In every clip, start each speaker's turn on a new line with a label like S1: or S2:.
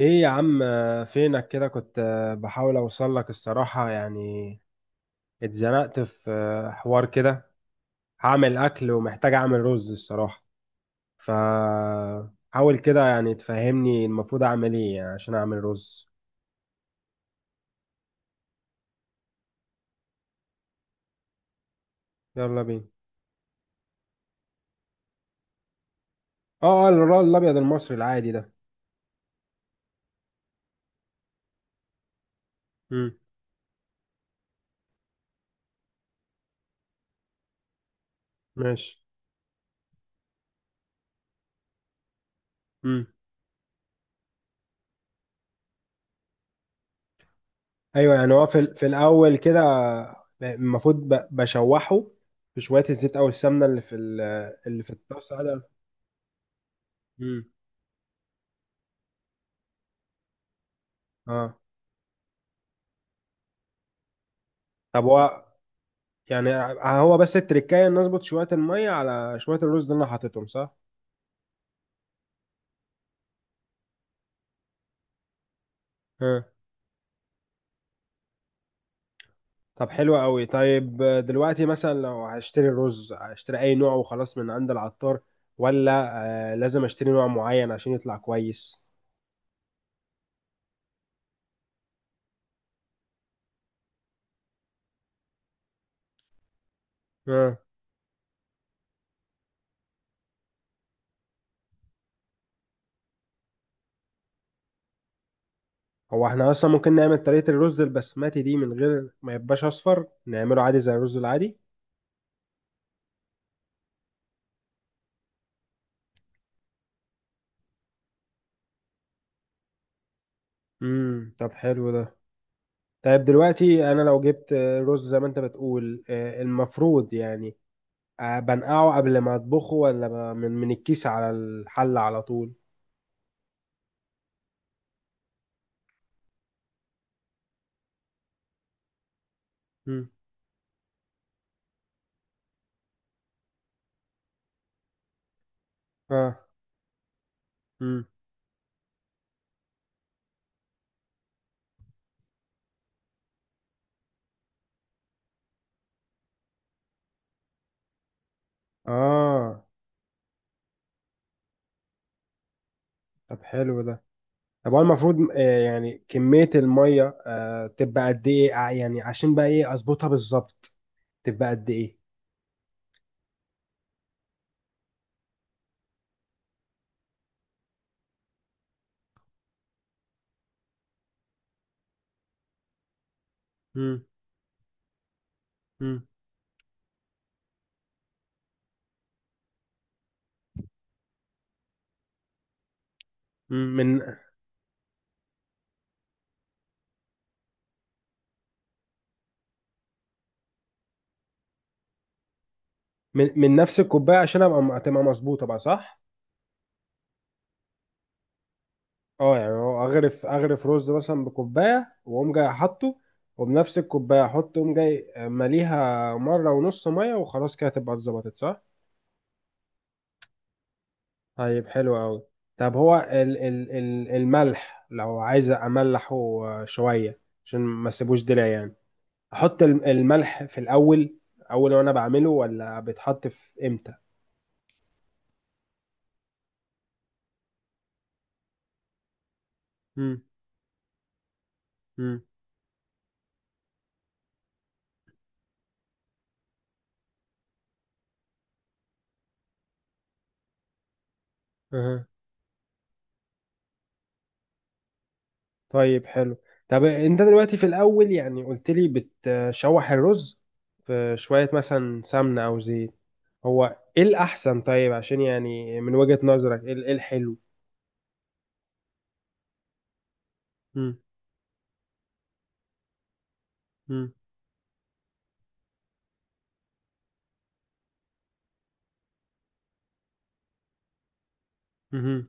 S1: ايه يا عم، فينك كده؟ كنت بحاول اوصل لك الصراحة. يعني اتزنقت في حوار كده. هعمل اكل ومحتاج اعمل رز الصراحة. ف حاول كده، يعني تفهمني المفروض اعمل ايه يعني عشان اعمل رز. يلا بينا. اه، اه، الرز الابيض المصري العادي ده. امم. ماشي. امم. ايوه، يعني هو في الاول كده المفروض بشوحه في شوية الزيت او السمنة اللي في اللي في الطاسة ده. امم. اه. طب هو، يعني هو بس التركاية ان اظبط شوية المية على شوية الرز اللي انا حاططهم، صح؟ ها. طب حلو قوي. طيب دلوقتي مثلا لو هشتري الرز، هشتري اي نوع وخلاص من عند العطار، ولا لازم اشتري نوع معين عشان يطلع كويس؟ ها. هو احنا اصلا ممكن نعمل طريقة الرز البسمتي دي من غير ما يبقاش اصفر، نعمله عادي زي الرز العادي؟ امم. طب حلو ده. طيب دلوقتي انا لو جبت رز زي ما انت بتقول، المفروض يعني بنقعه قبل ما اطبخه، ولا من الكيس على الحلة على طول؟ مم. اه. مم. اه. طب حلو ده. طب هو المفروض يعني كمية المية تبقى قد ايه يعني عشان بقى ايه اظبطها بالظبط؟ تبقى قد ايه؟ مم. مم. مم. من نفس الكوباية عشان ابقى تبقى مظبوطة بقى، صح؟ اه، يعني هو اغرف اغرف رز مثلا بكوبايه، واقوم جاي احطه، وبنفس الكوبايه احط، اقوم جاي مليها مره ونص ميه وخلاص، كده تبقى اتظبطت، صح؟ طيب حلو قوي. طب هو ال ال ال الملح لو عايز املحه شويه عشان ما اسيبوش دلع يعني، احط الملح في الاول، اول وانا بعمله، ولا بيتحط في امتى؟ امم. امم. طيب حلو. طب انت دلوقتي في الاول يعني قلت لي بتشوح الرز في شوية مثلا سمنة او زيت، هو ايه الاحسن طيب، عشان يعني من وجهة نظرك ايه ايه الحلو؟ مم. مم. مم.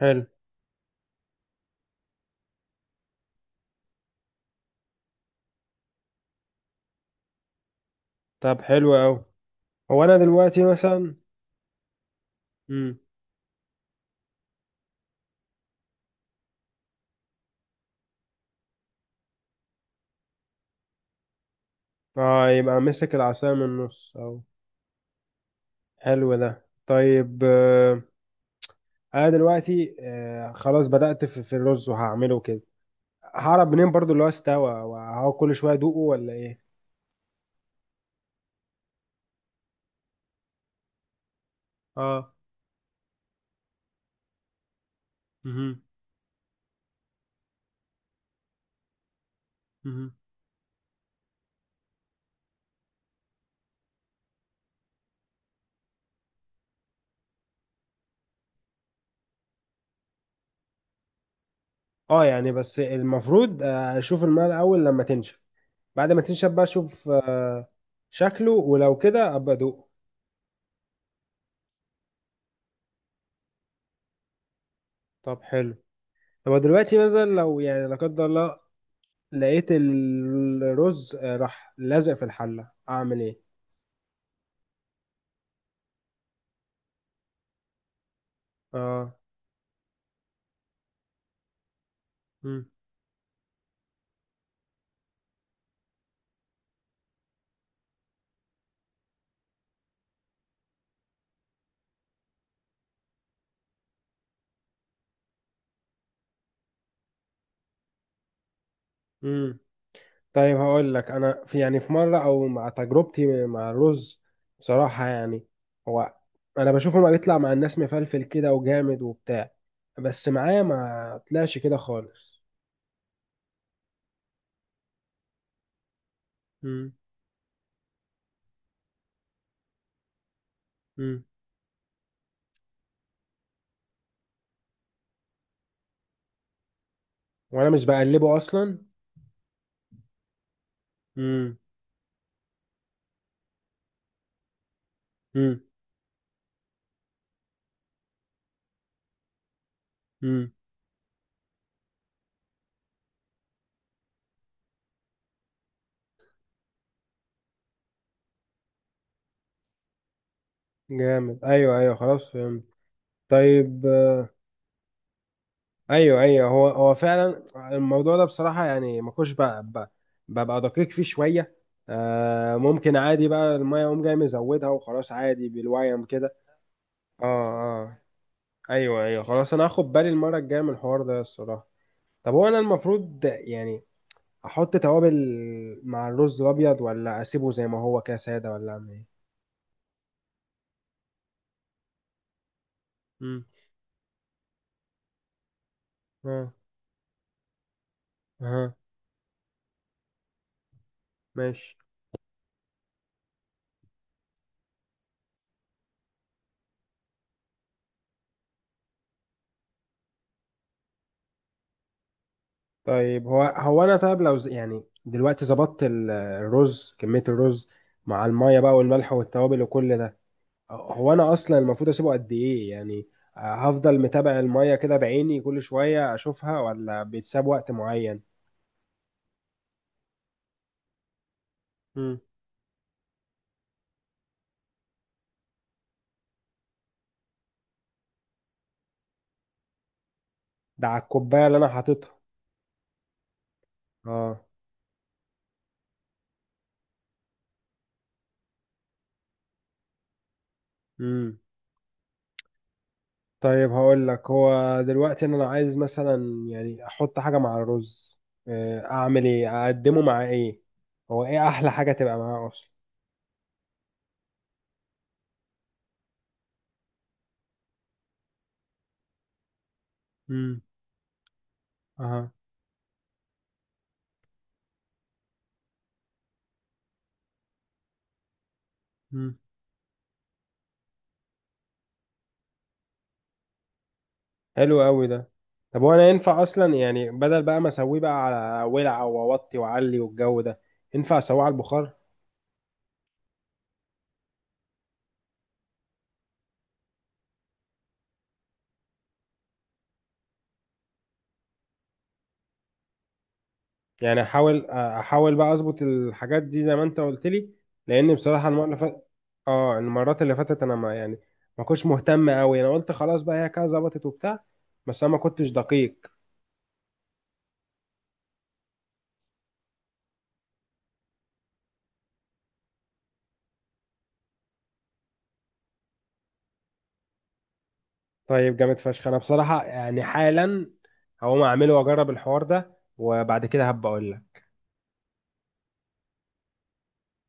S1: حلو. طب حلو اوي. هو انا دلوقتي مثلا. مم. اه، يبقى مسك العصاية من النص او. حلو ده. طيب انا دلوقتي خلاص بدأت في الرز وهعمله كده. هعرف منين برضو اللي هو استوى؟ وهو كل شوية ادوقه، ولا ايه؟ اه. مهم. مهم. اه، يعني بس المفروض اشوف الماء الاول لما تنشف، بعد ما تنشف بقى اشوف شكله، ولو كده ابقى ادوقه. طب حلو. طب دلوقتي مثلا لو يعني لا قدر الله لقيت الرز راح لازق في الحلة، اعمل ايه؟ اه. مم. مم. طيب هقول لك انا في، يعني في مره او مع تجربتي مع الرز بصراحه يعني، هو انا بشوفه ما بيطلع مع الناس مفلفل كده وجامد وبتاع، بس معايا ما طلعش كده خالص. مم. مم. وانا مش بقلبه اصلا. مم. مم. مم. جامد. ايوه، ايوه، خلاص فهمت. طيب. ايوه، ايوه، هو فعلا الموضوع ده بصراحه يعني ما كنتش بقى- ببقى دقيق فيه شويه. آه، ممكن عادي بقى الميه اقوم جاي مزودها وخلاص عادي بالويم كده. اه. اه. ايوه، ايوه، خلاص انا هاخد بالي المره الجايه من الحوار ده الصراحه. طب هو انا المفروض يعني احط توابل مع الرز الابيض، ولا اسيبه زي ما هو كده ساده، ولا اعمل ايه؟ امم. اه. اه. ماشي. طيب هو انا طيب لو يعني دلوقتي ظبطت الرز، كمية الرز مع المية بقى والملح والتوابل وكل ده، هو انا اصلا المفروض اسيبه قد ايه يعني؟ هفضل متابع المية كده بعيني كل شوية اشوفها، ولا بيتساب وقت معين؟ مم. ده على الكوباية اللي انا حاططها. اه. امم. طيب هقول لك، هو دلوقتي إن انا عايز مثلا يعني احط حاجة مع الرز، اعمل ايه؟ اقدمه مع ايه؟ هو ايه احلى حاجة تبقى معاه اصلا؟ امم. اها. حلو قوي ده. طب وانا ينفع اصلا يعني بدل بقى ما اسويه بقى على ولع واوطي واعلي والجو ده، ينفع اسويه على البخار؟ يعني احاول بقى اظبط الحاجات دي زي ما انت قلت لي، لان بصراحه المره اللي فاتت، اه، المرات اللي فاتت انا ما يعني، ما كنتش مهتم قوي، انا قلت خلاص بقى هي كده ظبطت وبتاع، بس انا ما كنتش دقيق. طيب جامد فشخ. انا بصراحه يعني حالا هقوم اعمله واجرب الحوار ده، وبعد كده هبقى اقول لك.